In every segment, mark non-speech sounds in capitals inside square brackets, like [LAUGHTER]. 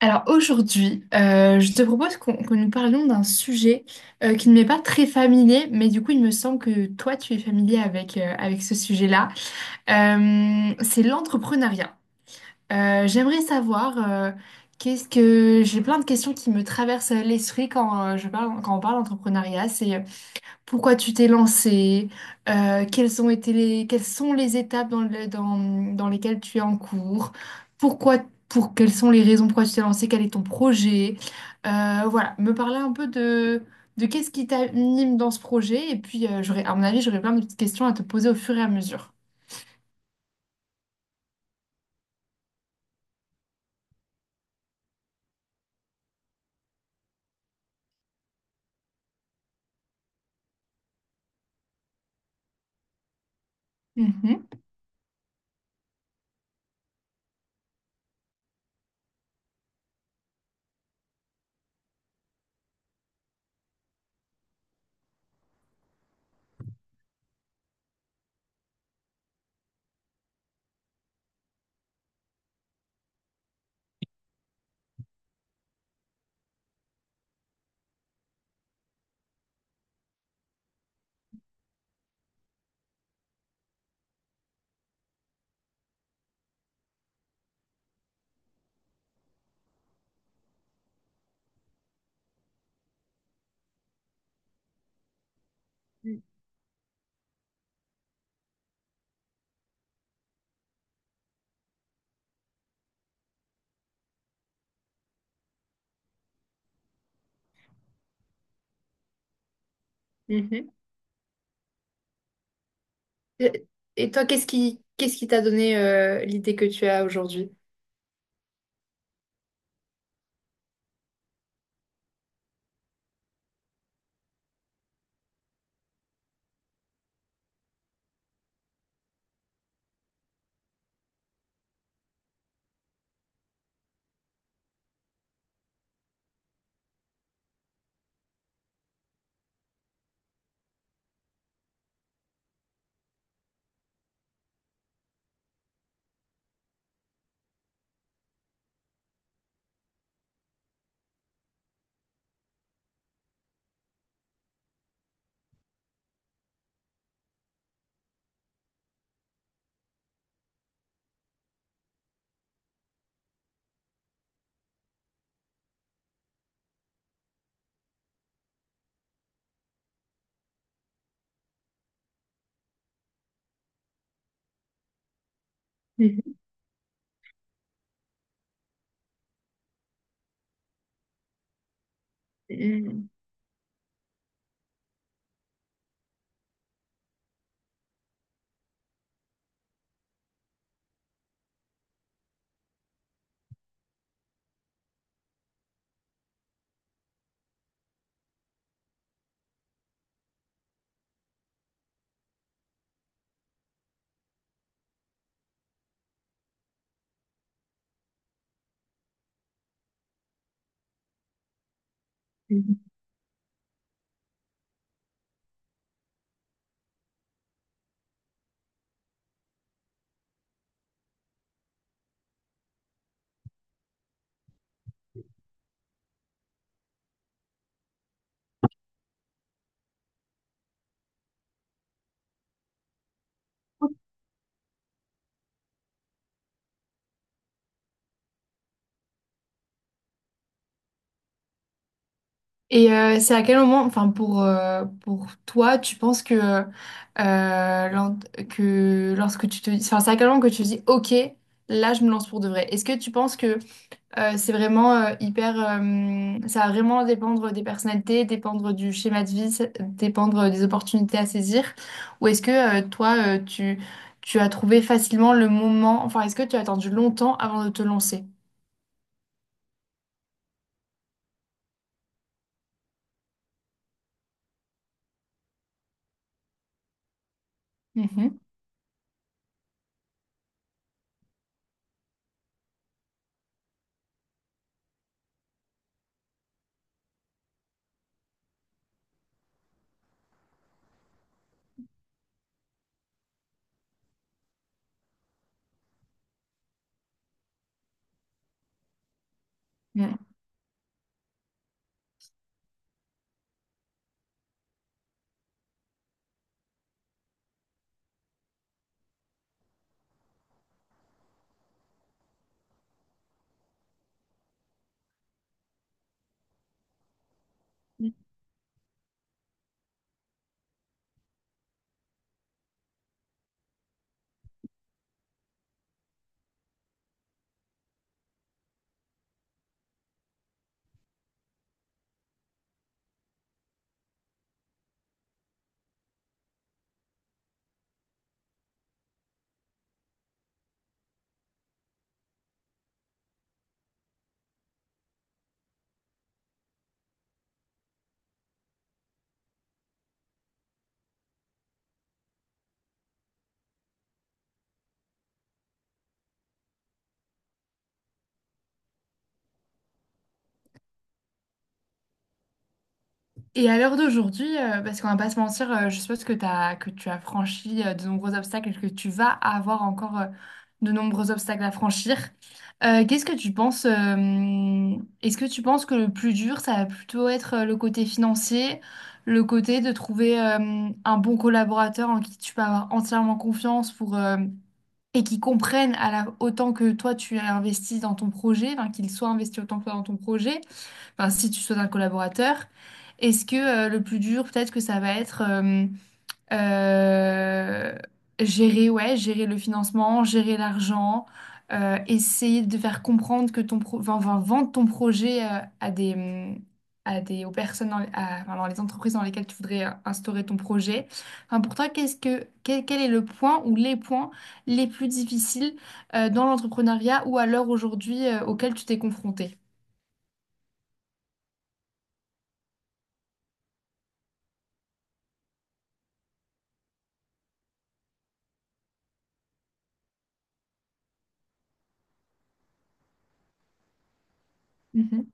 Alors aujourd'hui, je te propose qu'on que nous parlions d'un sujet qui ne m'est pas très familier, mais du coup il me semble que toi tu es familier avec, avec ce sujet-là. C'est l'entrepreneuriat. J'aimerais savoir qu'est-ce que j'ai plein de questions qui me traversent l'esprit quand je parle quand on parle d'entrepreneuriat. Pourquoi tu t'es lancé? Quelles ont été les, quelles sont les étapes dans dans lesquelles tu es en cours? Pourquoi, quelles sont les raisons pourquoi tu t'es lancé? Quel est ton projet? Voilà, me parler un peu de qu'est-ce qui t'anime dans ce projet. Et puis, j'aurais, à mon avis, j'aurais plein de petites questions à te poser au fur et à mesure. Mhm, mhm. Et et toi, qu'est-ce qui t'a donné l'idée que tu as aujourd'hui? Mhm. Mhm. C'est à quel moment, enfin pour toi, tu penses que, lors- lorsque tu te dis, enfin c'est à quel moment que tu te dis, ok, là je me lance pour de vrai. Est-ce que tu penses que c'est vraiment hyper, ça va vraiment dépendre des personnalités, dépendre du schéma de vie, dépendre des opportunités à saisir, ou est-ce que tu as trouvé facilement le moment, enfin est-ce que tu as attendu longtemps avant de te lancer? Mhm. Mhm. Et à l'heure d'aujourd'hui, parce qu'on va pas se mentir, je suppose que, tu as franchi de nombreux obstacles et que tu vas avoir encore de nombreux obstacles à franchir. Qu'est-ce que tu penses, est-ce que tu penses que le plus dur, ça va plutôt être le côté financier, le côté de trouver un bon collaborateur en qui tu peux avoir entièrement confiance et qui comprenne à la, autant que toi tu as investi dans ton projet, enfin, qu'il soit investi autant que toi dans ton projet enfin si tu souhaites un collaborateur, est-ce que le plus dur, peut-être que ça va être euh, gérer, ouais, gérer le financement, gérer l'argent, essayer de faire comprendre que enfin, enfin, vendre ton projet à des aux personnes enfin, dans les entreprises dans lesquelles tu voudrais instaurer ton projet. Enfin, pour toi, quel est le point ou les points les plus difficiles dans l'entrepreneuriat ou à l'heure aujourd'hui auquel tu t'es confronté? Mhm,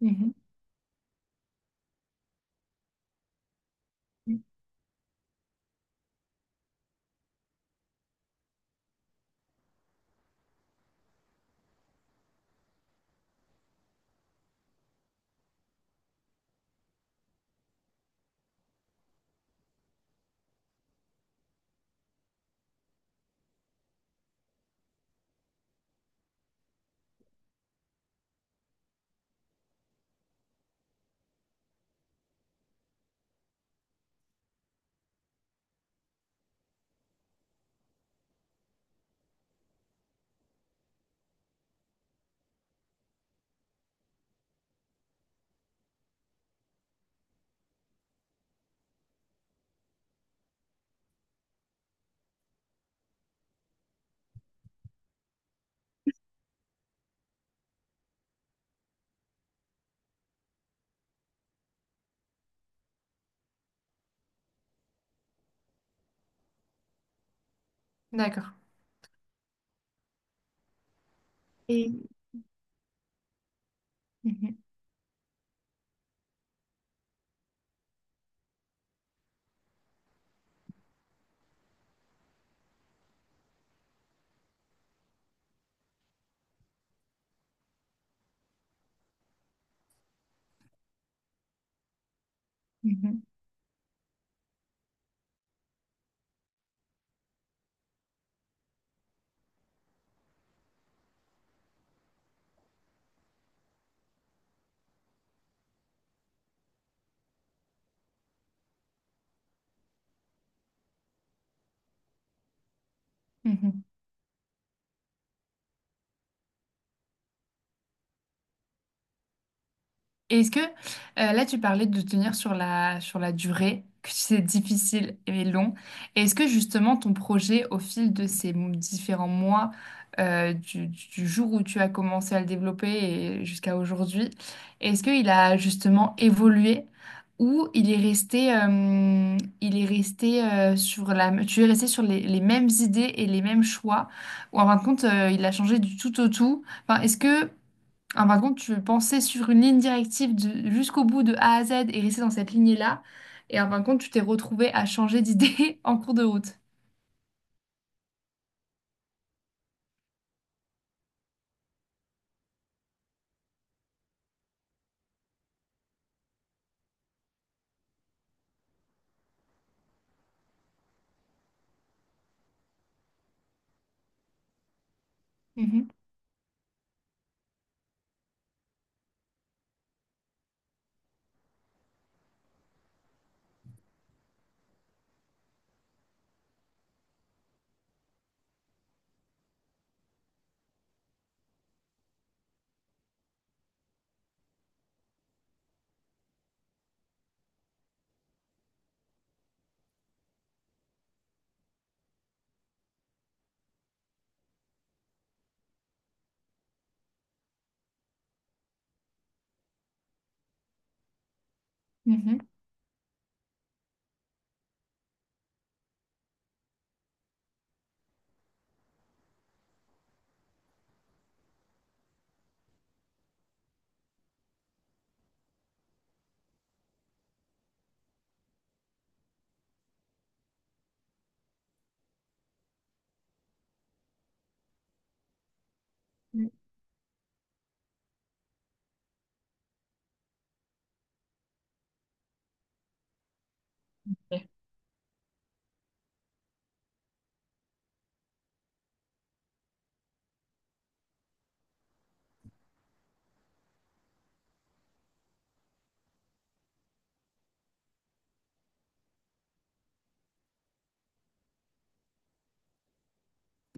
mhm. D'accord. Et Mhm, mhm, mhm. Et est-ce que là tu parlais de tenir sur la durée, que c'est difficile et long. Et est-ce que justement ton projet au fil de ces différents mois du jour où tu as commencé à le développer et jusqu'à aujourd'hui, est-ce qu'il a justement évolué ou il est resté sur la, tu es resté sur les mêmes idées et les mêmes choix ou en fin de compte il a changé du tout au tout? Enfin, est-ce que ah, par contre, tu pensais sur une ligne directive jusqu'au bout de A à Z et rester dans cette lignée-là. Et en fin de compte, tu t'es retrouvé à changer d'idée [LAUGHS] en cours de route. Mhm, mhm, mhm.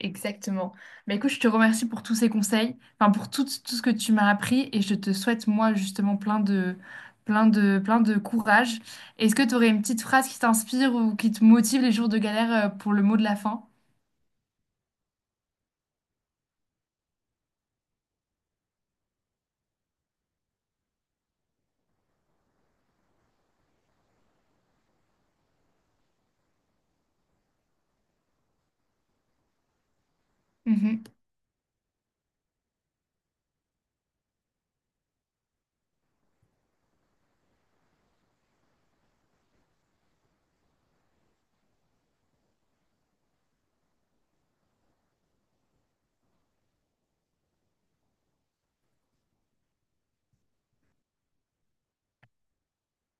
Exactement. Mais écoute, je te remercie pour tous ces conseils, enfin pour tout, tout ce que tu m'as appris et je te souhaite moi justement plein de courage. Est-ce que tu aurais une petite phrase qui t'inspire ou qui te motive les jours de galère pour le mot de la fin? Mhm.